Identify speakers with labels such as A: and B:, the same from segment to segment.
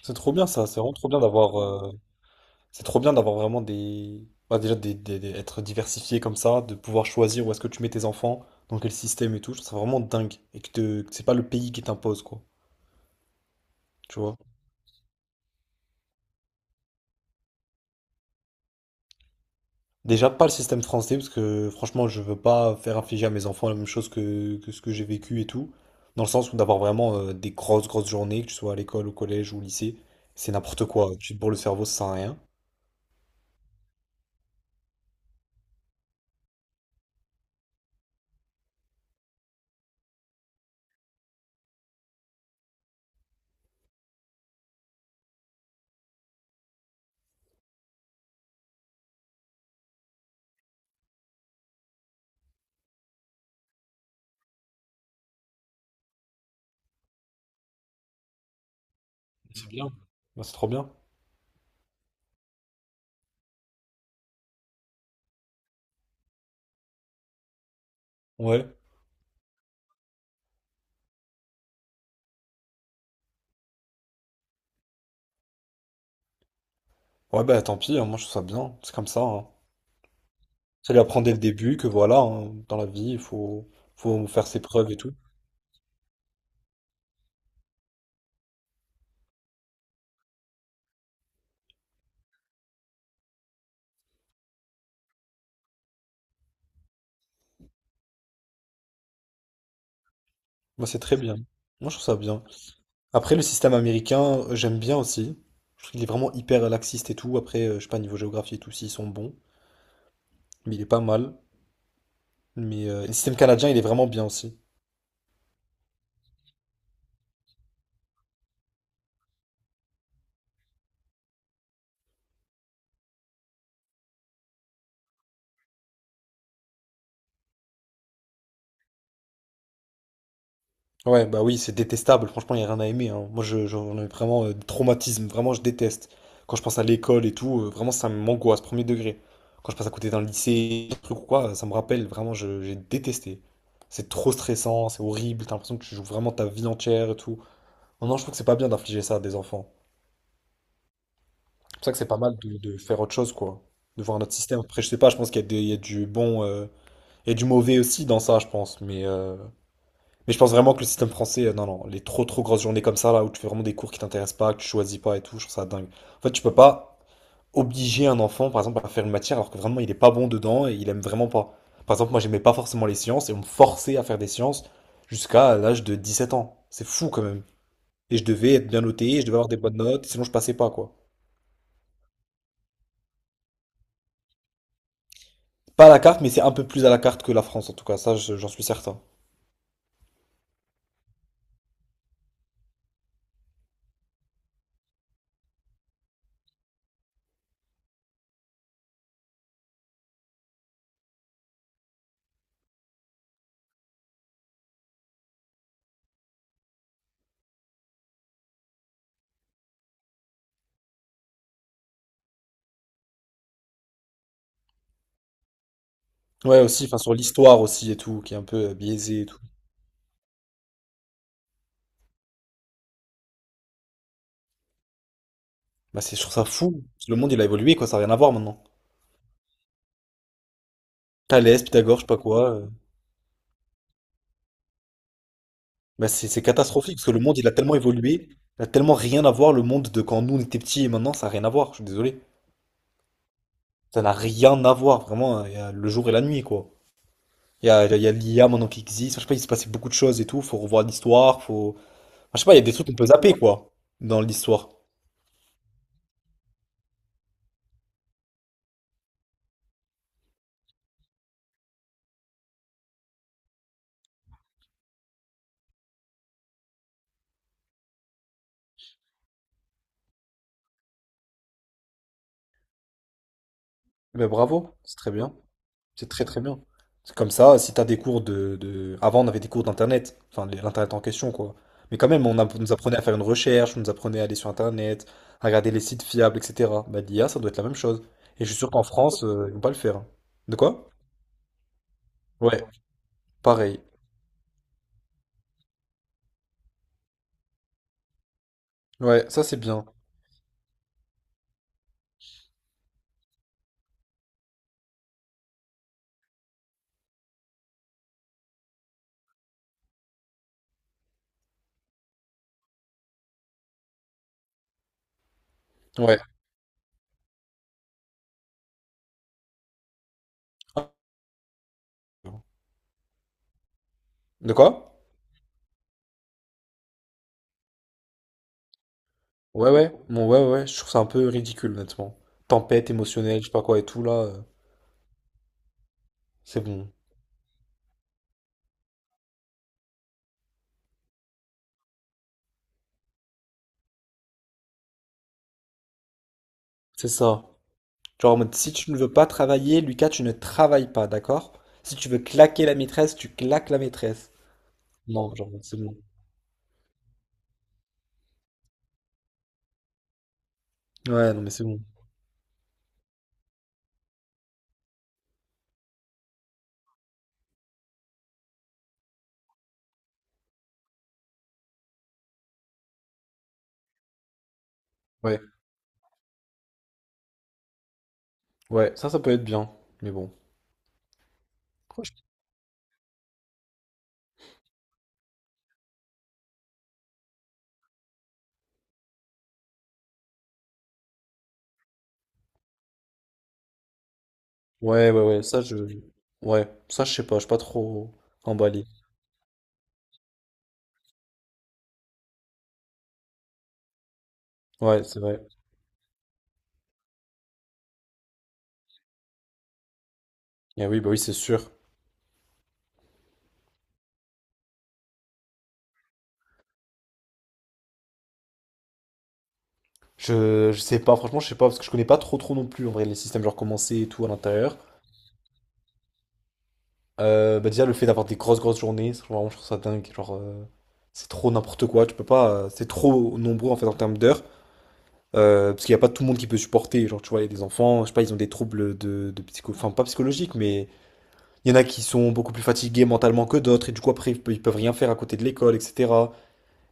A: C'est trop bien ça, c'est vraiment trop bien d'avoir c'est trop bien d'avoir vraiment des bah, déjà être diversifié comme ça, de pouvoir choisir où est-ce que tu mets tes enfants, dans quel système et tout, je trouve ça vraiment dingue et que, que c'est pas le pays qui t'impose quoi, tu vois. Déjà pas le système français parce que franchement, je veux pas faire infliger à mes enfants la même chose que ce que j'ai vécu et tout, dans le sens où d'avoir vraiment des grosses grosses journées que tu sois à l'école, au collège ou au lycée, c'est n'importe quoi, tu te bourres le cerveau, ça sert à rien. Bah, c'est trop bien. Ouais. Ouais bah tant pis, hein, moi je trouve ça bien, c'est comme ça, hein. Ça lui apprend dès le début que voilà, hein, dans la vie, il faut, faut faire ses preuves et tout. Moi, c'est très bien. Moi, je trouve ça bien. Après, le système américain, j'aime bien aussi. Je trouve qu'il est vraiment hyper laxiste et tout. Après, je sais pas, niveau géographie et tout, s'ils sont bons. Mais il est pas mal. Mais le système canadien, il est vraiment bien aussi. Ouais, bah oui, c'est détestable. Franchement, il n'y a rien à aimer, hein. Moi, j'en ai vraiment des traumatismes. Vraiment, je déteste. Quand je pense à l'école et tout, vraiment, ça m'angoisse, premier degré. Quand je passe à côté d'un lycée, un truc ou quoi, ça me rappelle. Vraiment, j'ai détesté. C'est trop stressant, c'est horrible. T'as l'impression que tu joues vraiment ta vie entière et tout. Non, non, je trouve que c'est pas bien d'infliger ça à des enfants. C'est pour ça que c'est pas mal de faire autre chose, quoi. De voir notre système. Après, je sais pas, je pense qu'il y a il y a du bon. Il y a du mauvais aussi dans ça, je pense. Mais mais je pense vraiment que le système français, non, non, les trop trop grosses journées comme ça, là, où tu fais vraiment des cours qui t'intéressent pas, que tu choisis pas et tout, je trouve ça dingue. En fait, tu peux pas obliger un enfant, par exemple, à faire une matière alors que vraiment il est pas bon dedans et il aime vraiment pas. Par exemple, moi, j'aimais pas forcément les sciences et on me forçait à faire des sciences jusqu'à l'âge de 17 ans. C'est fou quand même. Et je devais être bien noté, je devais avoir des bonnes notes, sinon je passais pas, quoi. Pas à la carte, mais c'est un peu plus à la carte que la France, en tout cas, ça, j'en suis certain. Ouais, aussi, enfin, sur l'histoire aussi et tout, qui est un peu biaisée et tout. Bah, c'est, je trouve ça fou. Le monde, il a évolué, quoi, ça n'a rien à voir maintenant. Thalès, Pythagore, je sais pas quoi, Bah, c'est catastrophique parce que le monde il a tellement évolué, il a tellement rien à voir le monde de quand nous on était petits et maintenant ça a rien à voir, je suis désolé. Ça n'a rien à voir, vraiment, hein, il y a le jour et la nuit quoi. Il y a l'IA maintenant qui existe, je sais pas, il s'est passé beaucoup de choses et tout, faut revoir l'histoire, faut. Enfin, je sais pas, il y a des trucs qu'on peut zapper quoi, dans l'histoire. Mais bravo, c'est très bien. C'est très très bien. C'est comme ça, si t'as des cours avant, on avait des cours d'internet, enfin l'internet en question, quoi. Mais quand même, on nous apprenait à faire une recherche, on nous apprenait à aller sur internet, à regarder les sites fiables, etc. Bah, l'IA, ça doit être la même chose. Et je suis sûr qu'en France, ils vont pas le faire. De quoi? Ouais, pareil. Ouais, ça c'est bien. Ouais. De quoi? Ouais, ouais. Bon, ouais, ouais, ouais, je trouve ça un peu ridicule, honnêtement. Tempête émotionnelle, je sais pas quoi et tout, là, c'est bon. C'est ça. Genre en mode, si tu ne veux pas travailler, Lucas, tu ne travailles pas, d'accord? Si tu veux claquer la maîtresse, tu claques la maîtresse. Non, genre, c'est bon. Ouais, non, mais c'est bon. Ouais, ouais, ça peut être bien. Mais bon. Ouais, ouais, ouais, ça, je. Ouais, ça, je sais pas, je suis pas trop emballé. Ouais, c'est vrai. Eh oui, bah oui, c'est sûr. Je sais pas, franchement, je sais pas, parce que je connais pas trop trop non plus, en vrai, les systèmes, genre, comment c'est et tout à l'intérieur. Bah déjà, le fait d'avoir des grosses, grosses journées, ça, vraiment, je trouve ça dingue. Genre, c'est trop n'importe quoi, tu peux pas, c'est trop nombreux, en fait, en termes d'heures. Parce qu'il n'y a pas tout le monde qui peut supporter. Genre, tu vois, il y a des enfants, je sais pas, ils ont des troubles de psycho... Enfin, pas psychologiques, mais il y en a qui sont beaucoup plus fatigués mentalement que d'autres, et du coup, après, ils peuvent rien faire à côté de l'école, etc.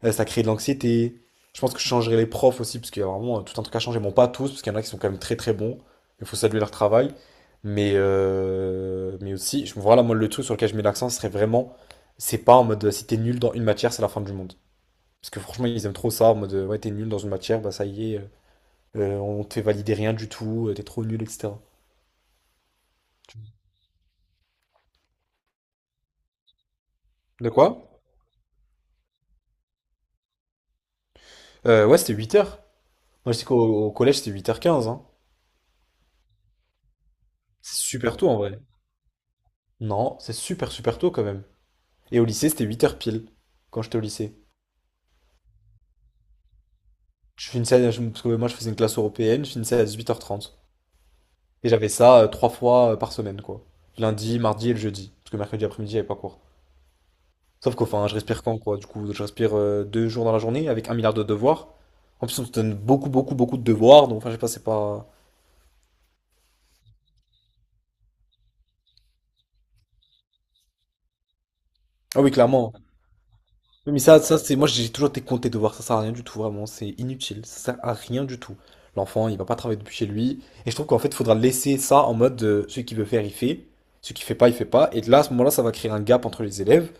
A: Ça crée de l'anxiété. Je pense que je changerai les profs aussi, parce qu'il y a vraiment tout un truc à changer. Bon, pas tous, parce qu'il y en a qui sont quand même très très bons. Il faut saluer leur travail. Mais aussi, je, voilà, moi, le truc sur lequel je mets l'accent, ce serait vraiment, c'est pas en mode, si t'es nul dans une matière, c'est la fin du monde. Parce que franchement, ils aiment trop ça, en mode, ouais, t'es nul dans une matière, bah ça y est. On te fait valider rien du tout, t'es trop nul, etc. De quoi? Ouais, c'était 8 heures. Moi, je sais qu'au au collège, c'était 8h15, hein. C'est super tôt en vrai. Non, c'est super, super tôt quand même. Et au lycée, c'était 8 heures pile, quand j'étais au lycée. Je finissais, parce que moi, je faisais une classe européenne, je finissais à 8h30. Et j'avais ça trois fois par semaine, quoi. Lundi, mardi et le jeudi. Parce que mercredi après-midi, j'avais pas cours. Sauf qu'enfin, je respire quand, quoi. Du coup, je respire 2 jours dans la journée avec un milliard de devoirs. En plus, on te donne beaucoup, beaucoup, beaucoup de devoirs. Donc, enfin, je sais pas, c'est pas. Ah oui, clairement. Oui, mais ça c'est moi j'ai toujours été compté de voir ça, sert à rien du tout vraiment, c'est inutile, ça sert à rien du tout. L'enfant il va pas travailler depuis chez lui et je trouve qu'en fait il faudra laisser ça en mode celui qui veut faire il fait, celui qui fait pas il fait pas et là à ce moment-là ça va créer un gap entre les élèves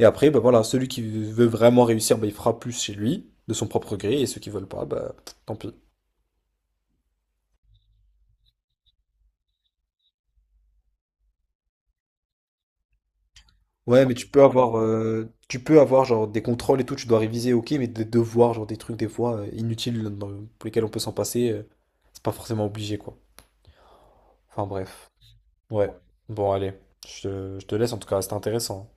A: et après bah voilà celui qui veut vraiment réussir bah, il fera plus chez lui de son propre gré et ceux qui veulent pas bah tant pis. Ouais mais tu peux avoir genre des contrôles et tout, tu dois réviser ok mais des devoirs genre des trucs des fois inutiles pour lesquels on peut s'en passer, c'est pas forcément obligé quoi. Enfin bref. Ouais. Bon, allez. Je te laisse, en tout cas, c'était intéressant.